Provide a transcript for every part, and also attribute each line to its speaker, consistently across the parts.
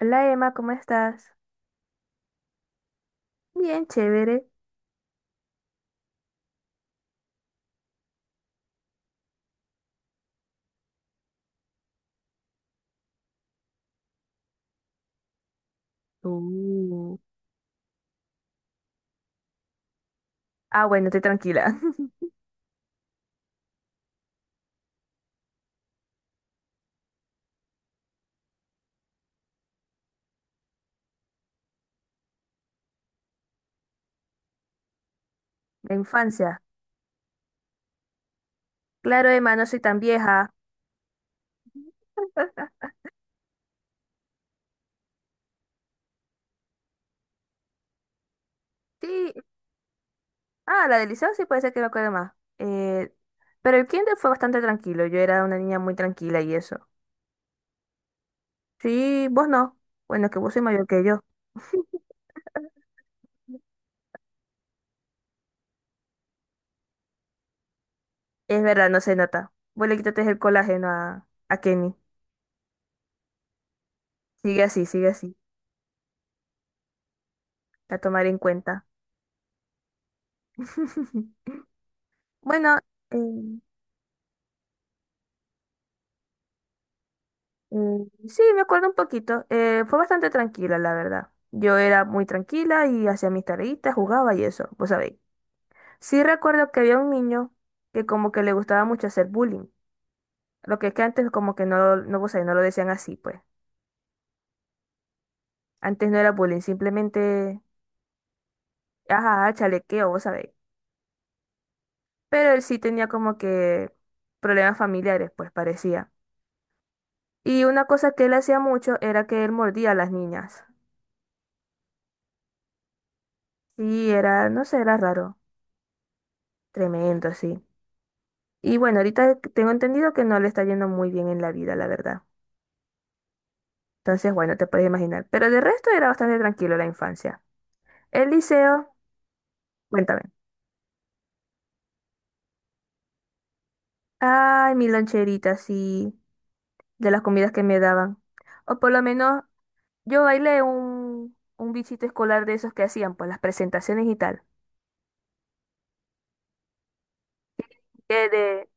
Speaker 1: Hola Emma, ¿cómo estás? Bien, chévere. Uh, Ah, bueno, estoy tranquila. La infancia. Claro, Emma, no soy tan vieja. Sí, ah, la del liceo sí puede ser que me acuerde más. Eh, pero el kinder fue bastante tranquilo. Yo era una niña muy tranquila y eso. Sí, vos no. Bueno, que vos sois mayor que yo. Es verdad, no se nota. Vos le quitaste el colágeno a Kenny. Sigue así, sigue así. La tomaré en cuenta. Bueno, eh, Mm, sí, me acuerdo un poquito. Fue bastante tranquila, la verdad. Yo era muy tranquila y hacía mis tareitas, jugaba y eso, vos sabéis. Sí recuerdo que había un niño que como que le gustaba mucho hacer bullying. Lo que es que antes como que no, no, vos sabéis, no lo decían así, pues. Antes no era bullying, simplemente, ajá, chalequeo, vos sabéis. Pero él sí tenía como que problemas familiares, pues parecía. Y una cosa que él hacía mucho era que él mordía a las niñas. Sí, era, no sé, era raro. Tremendo, sí. Y bueno, ahorita tengo entendido que no le está yendo muy bien en la vida, la verdad. Entonces, bueno, te puedes imaginar. Pero de resto era bastante tranquilo la infancia. El liceo, cuéntame. Ay, mi loncherita, sí, de las comidas que me daban. O por lo menos yo bailé un bichito escolar de esos que hacían, pues las presentaciones y tal. Que de,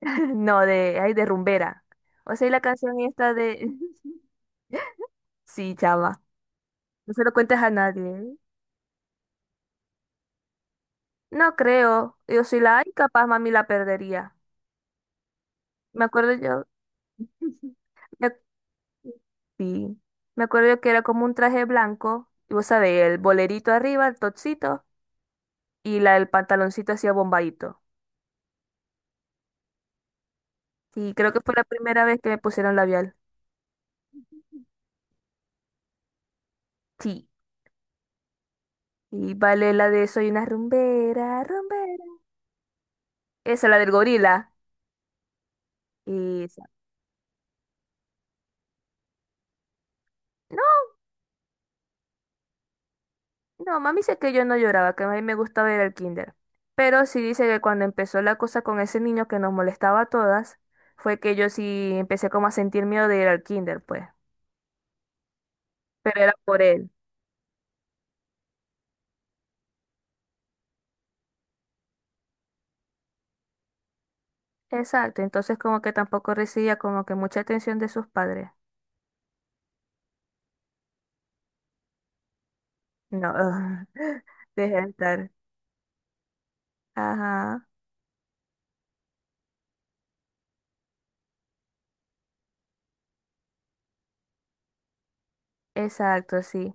Speaker 1: no, de, ay, de rumbera. O sea, y la canción esta de sí, chama. No se lo cuentes a nadie, ¿eh? No creo. Yo soy la ay, capaz mami la perdería. Me acuerdo yo, me, sí, me acuerdo yo que era como un traje blanco, y vos sabés, el bolerito arriba, el topsito, y la, el pantaloncito hacía bombadito. Y creo que fue la primera vez que me pusieron labial. Sí. Y vale la de soy una rumbera, rumbera. Esa, la del gorila. Y esa. No, no, mami dice que yo no lloraba, que a mí me gustaba ir al kinder. Pero sí dice que cuando empezó la cosa con ese niño que nos molestaba a todas, fue que yo sí empecé como a sentir miedo de ir al kinder, pues. Pero era por él. Exacto, entonces como que tampoco recibía como que mucha atención de sus padres. No, deja de estar. Ajá, exacto, sí.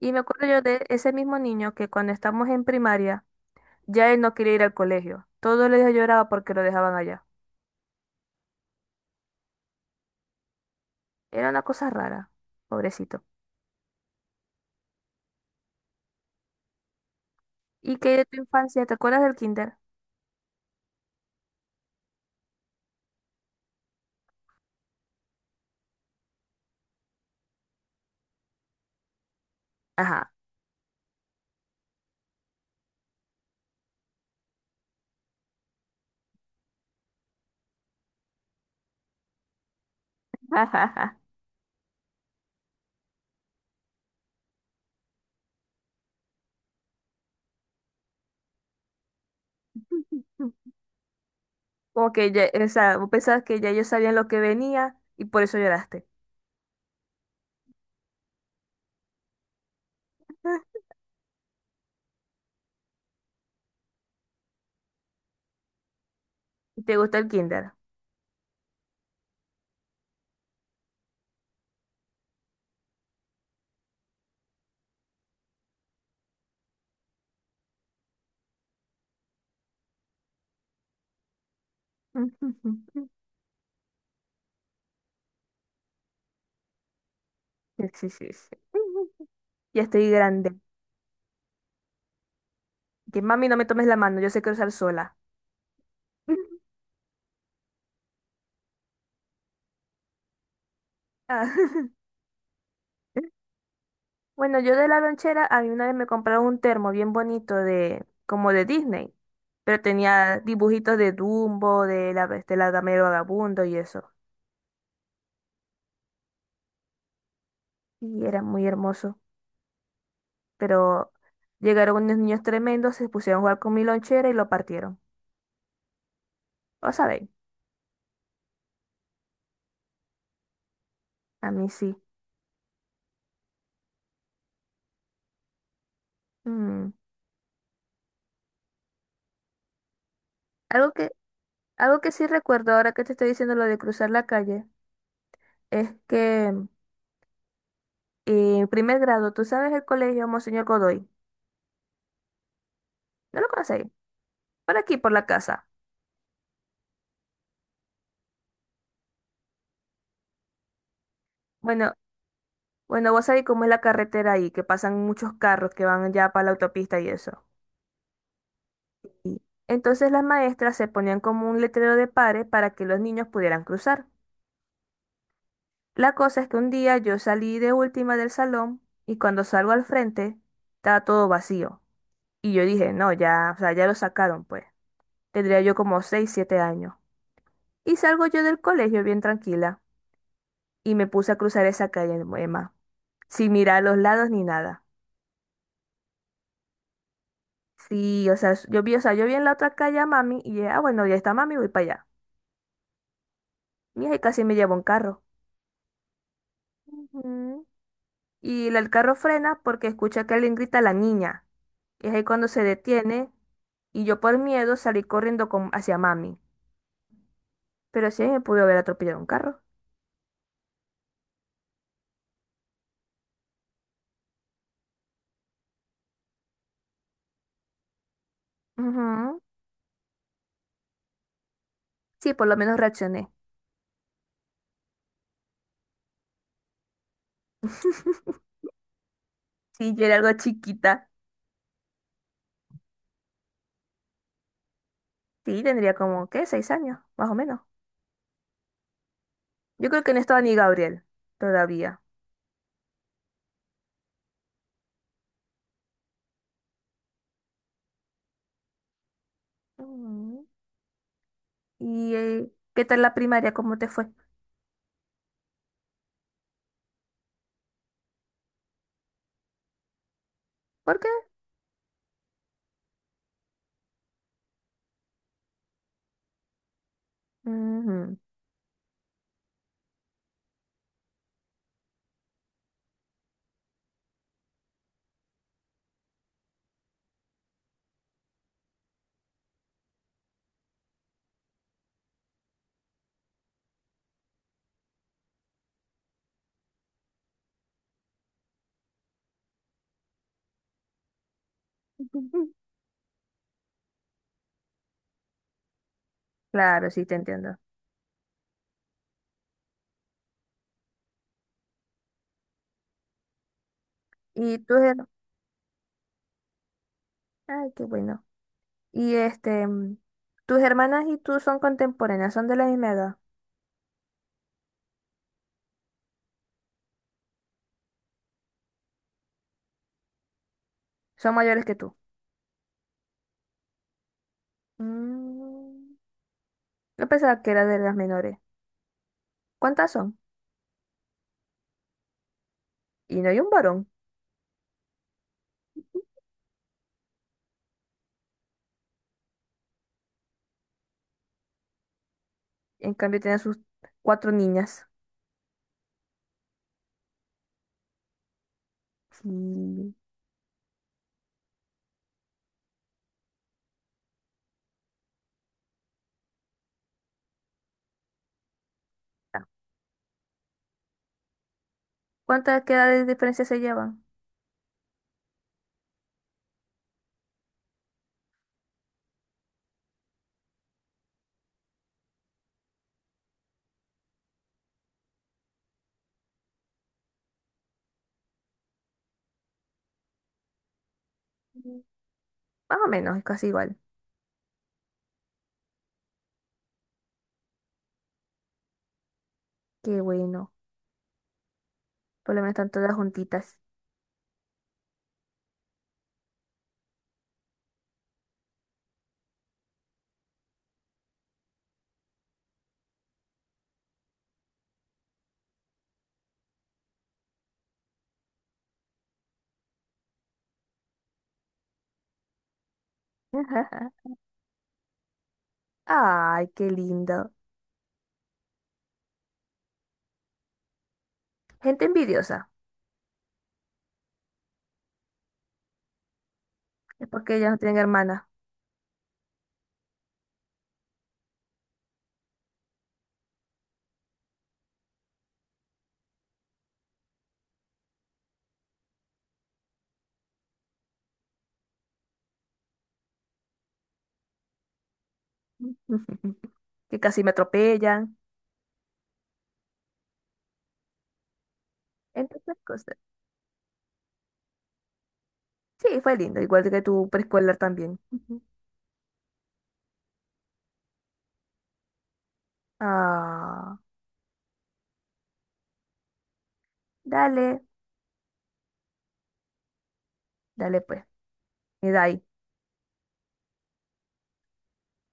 Speaker 1: Y me acuerdo yo de ese mismo niño que cuando estamos en primaria, ya él no quería ir al colegio. Todos los días lloraba porque lo dejaban allá. Era una cosa rara, pobrecito. ¿Y qué de tu infancia? ¿Te acuerdas del kinder? Ajá. Como que ya, o sea, vos pensabas que ya ellos sabían lo que venía y por eso lloraste. ¿Y te gusta el kinder? Sí, sí, sí. Sí. Ya estoy grande. Que mami, no me tomes la mano, yo sé cruzar sola. Ah, bueno, yo de la lonchera, a mí una vez me compraron un termo bien bonito de, como de Disney, pero tenía dibujitos de Dumbo, de la Dama y el Vagabundo y eso. Y era muy hermoso. Pero llegaron unos niños tremendos, se pusieron a jugar con mi lonchera y lo partieron. ¿O sabéis? A mí sí. Mm. Algo que, algo que sí recuerdo ahora que te estoy diciendo lo de cruzar la calle. Es que primer grado, tú sabes el colegio Monseñor Godoy. ¿No lo conocéis? Por aquí, por la casa. Bueno, bueno, vos sabés cómo es la carretera ahí, que pasan muchos carros que van ya para la autopista y eso. Y entonces las maestras se ponían como un letrero de pare para que los niños pudieran cruzar. La cosa es que un día yo salí de última del salón y cuando salgo al frente estaba todo vacío. Y yo dije, no, ya, o sea, ya lo sacaron pues. Tendría yo como 6 7 años. Y salgo yo del colegio bien tranquila, y me puse a cruzar esa calle, Emma, sin mirar a los lados ni nada. Sí, o sea, yo vi, o sea, yo vi en la otra calle a mami y dije, ah, bueno, ya está mami, voy para allá. Mija, y casi me llevó un carro. Ujú. Y el carro frena porque escucha que alguien grita a la niña. Y es ahí cuando se detiene y yo por miedo salí corriendo con- hacia mami. Pero sí me pudo haber atropellado un carro. Ujú. Sí, por lo menos reaccioné. Sí, yo era algo chiquita. Sí, tendría como, ¿qué? 6 años, más o menos. Yo creo que no estaba ni Gabriel todavía. Ujú. ¿Y qué tal la primaria? ¿Cómo te fue? ¿Por qué? Ujú. Claro, sí, te entiendo. ¿Y tus hermanas? Ay, qué bueno. ¿Y este, tus hermanas y tú son contemporáneas? ¿Son de la misma edad? ¿Son mayores que tú? Mm, Yo pensaba que era de las menores. ¿Cuántas son? Y no hay un varón. En cambio, tienen sus cuatro niñas. Sí. Ah, ¿Cuántas qué edades de diferencia se llevan? Mm, Más o menos, es casi igual. Qué bueno. Por lo menos están todas juntitas. Ay, qué lindo. Gente envidiosa. Es porque ellas no tienen hermanas. Que casi me atropellan. Entre otras cosas. Sí, fue lindo. Igual que tu preescolar también. Ah, dale, dale pues. Me da ahí.